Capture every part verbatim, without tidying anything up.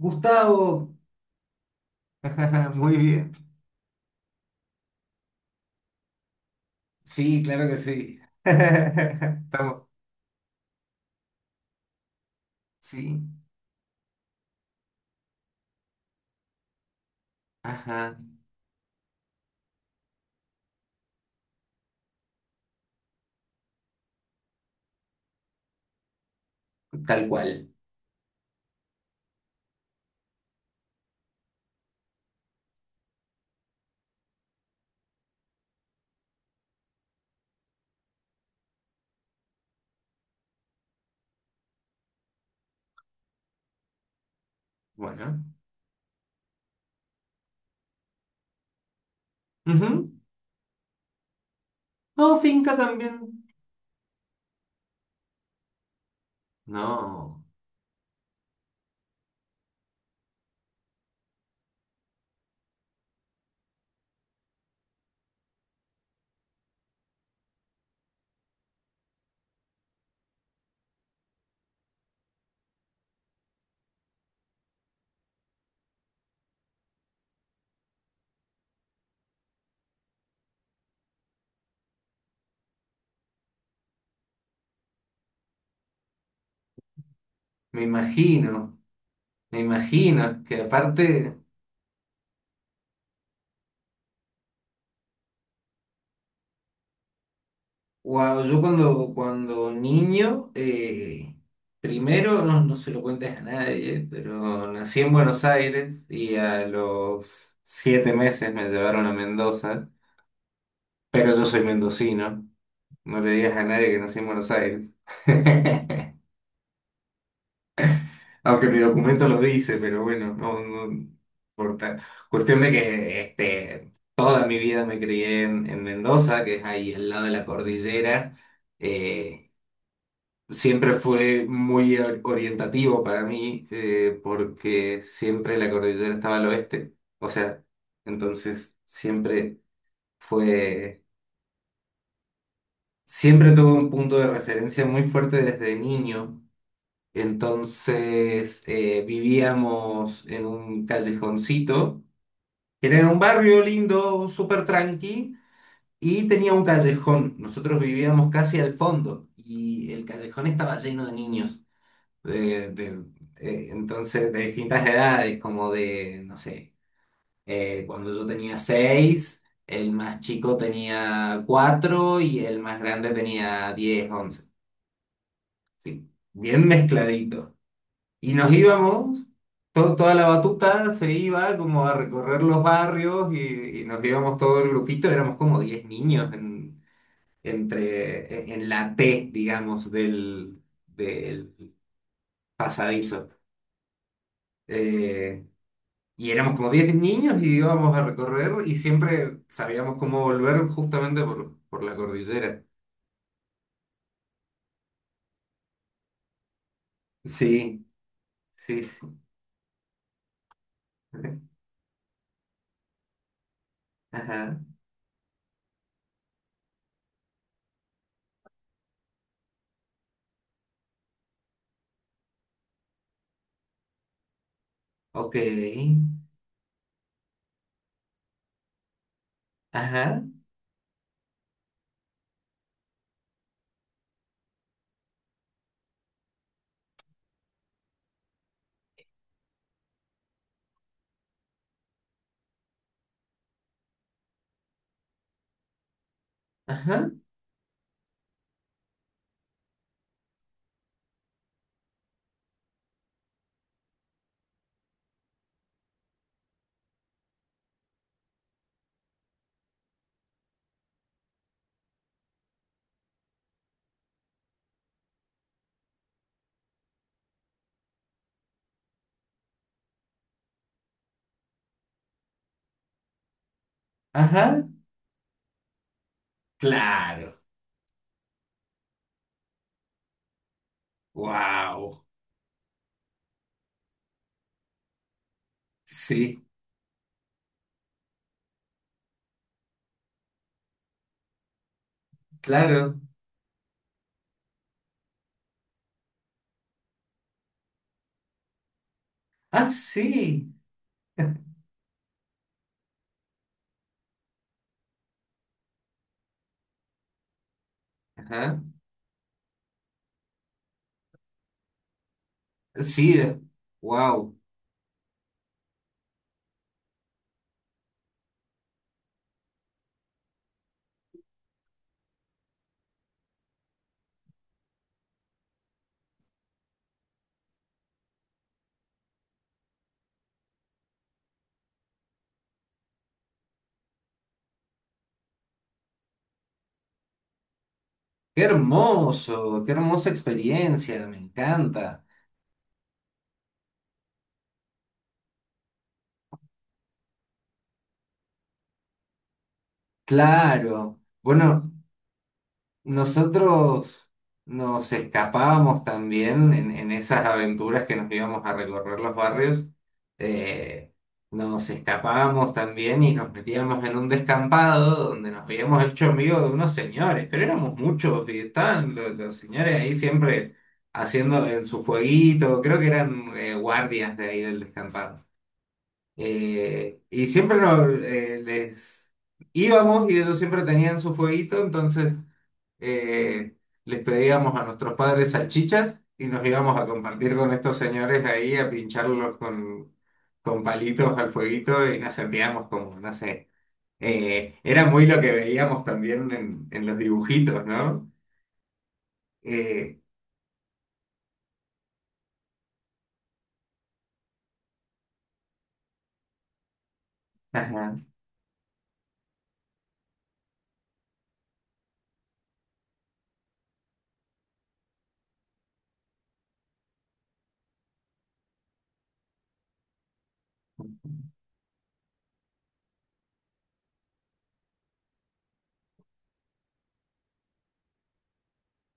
Gustavo. Muy bien. Sí, claro que sí. Estamos. Sí. Ajá, tal cual. Bueno. Ujú. No, finca también. No, me imagino, me imagino que aparte, wow, yo cuando, cuando niño, eh, primero, no, no se lo cuentes a nadie, pero nací en Buenos Aires y a los siete meses me llevaron a Mendoza, pero yo soy mendocino. No le digas a nadie que nací en Buenos Aires. Aunque mi documento lo dice, pero bueno, no, no importa. Cuestión de que este, toda mi vida me crié en, en Mendoza, que es ahí al lado de la cordillera. Eh, Siempre fue muy or- orientativo para mí, eh, porque siempre la cordillera estaba al oeste. O sea, entonces siempre fue, siempre tuve un punto de referencia muy fuerte desde niño. Entonces eh, vivíamos en un callejoncito, que era en un barrio lindo, súper tranqui, y tenía un callejón. Nosotros vivíamos casi al fondo y el callejón estaba lleno de niños, de- de- eh, entonces de distintas edades, como de, no sé, eh, cuando yo tenía seis, el más chico tenía cuatro y el más grande tenía diez, once. Sí, bien mezcladito. Y nos íbamos, to- toda la batuta se iba como a recorrer los barrios y, y nos íbamos todo el grupito, éramos como diez niños en, entre, en, en la T, digamos, del, del pasadizo. Eh, y éramos como diez niños y íbamos a recorrer y siempre sabíamos cómo volver justamente por, por la cordillera. Sí, sí, sí. Ajá, ok. Ajá, ajá, ajá. Claro. Wow. Sí, claro. Ah, sí. Ajá. Sí, wow. Qué hermoso, qué hermosa experiencia, me encanta. Claro. Bueno, nosotros nos escapábamos también en, en esas aventuras que nos íbamos a recorrer los barrios. eh, Nos escapábamos también y nos metíamos en un descampado donde nos habíamos hecho amigos de unos señores, pero éramos muchos y estaban lo- los señores ahí siempre haciendo en su fueguito, creo que eran eh, guardias de ahí del descampado. Eh, y siempre nos, eh, les íbamos y ellos siempre tenían su fueguito, entonces eh, les pedíamos a nuestros padres salchichas y nos íbamos a compartir con estos señores ahí, a pincharlos con, con palitos al fueguito y nos sentíamos como, no sé, eh, era muy lo que veíamos también en, en los dibujitos, ¿no? Eh, ajá,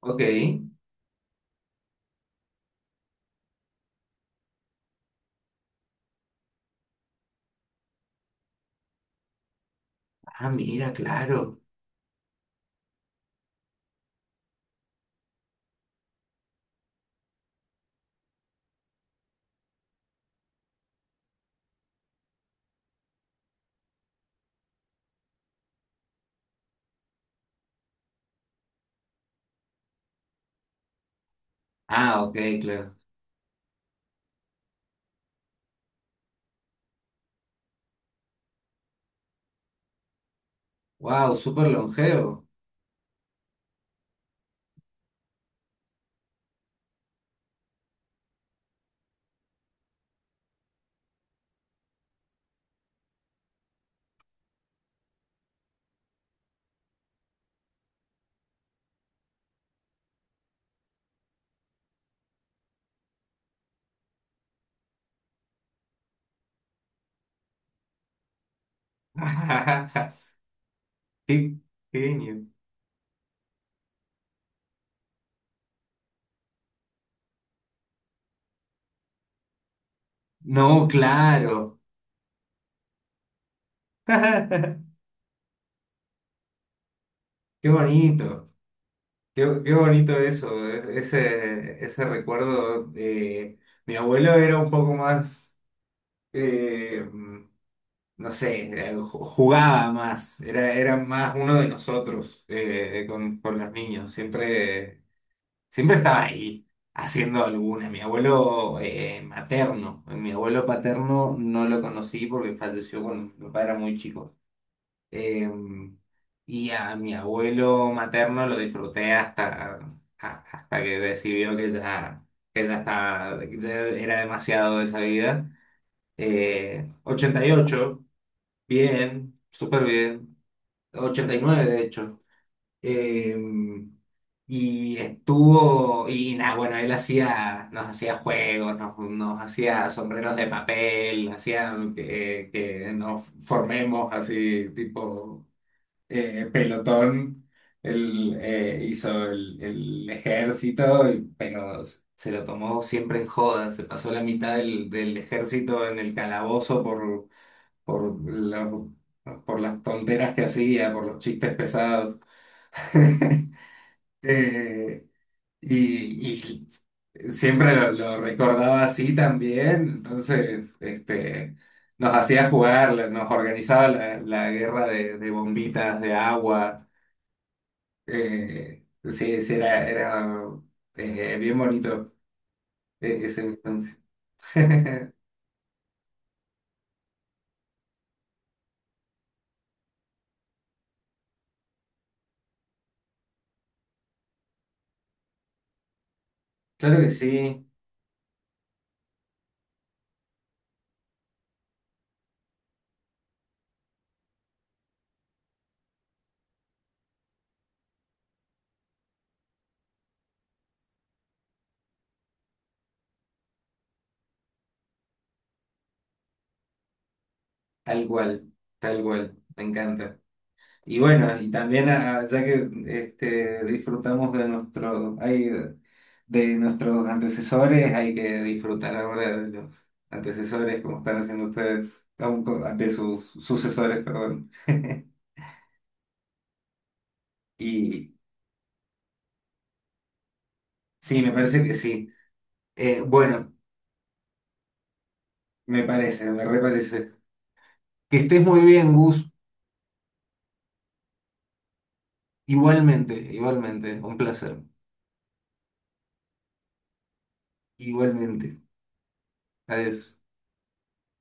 ok. Ah, mira, claro. Ah, ok, claro. Wow, súper longevo. Qué genio. No, claro. Qué bonito. Qué, qué bonito eso, e- ese, ese recuerdo. Eh, mi abuelo era un poco más, eh, no sé, eh, ju- jugaba más, era, era más uno de nosotros, eh, con, con los niños, siempre, siempre estaba ahí haciendo alguna. Mi abuelo, eh, materno, mi abuelo paterno no lo conocí porque falleció cuando mi papá era muy chico. Eh, y a mi abuelo materno lo disfruté hasta, a- hasta que decidió que ya, que ya estaba- que ya era demasiado de esa vida. Eh, ochenta y ocho, bien, súper bien. ochenta y nueve, de hecho. Eh, y estuvo, y nada, bueno, él hacía, nos hacía juegos, nos, nos hacía sombreros de papel, hacía que, que nos formemos así, tipo eh, pelotón, el, eh, hizo el, el ejército, y- pero s- se lo tomó siempre en joda. Se pasó la mitad del, del ejército en el calabozo por, por, la- por las tonteras que hacía, por los chistes pesados. Eh, y, y siempre lo, lo recordaba así también, entonces este, nos hacía jugar, la- nos organizaba la, la guerra de, de bombitas de agua. Eh, sí, sí, era, era eh, bien bonito, eh, esa infancia. Claro que sí, tal cual, tal cual, me encanta. Y bueno, y también ah, ya que este, disfrutamos de nuestro, ay, de nuestros antecesores, hay que disfrutar ahora de los antecesores, como están haciendo ustedes, aún co- de sus sucesores, perdón. Y sí, me parece que sí. Eh, bueno, me parece, me reparece. Que estés muy bien, Gus. Igualmente, igualmente. Un placer. Igualmente. Adiós.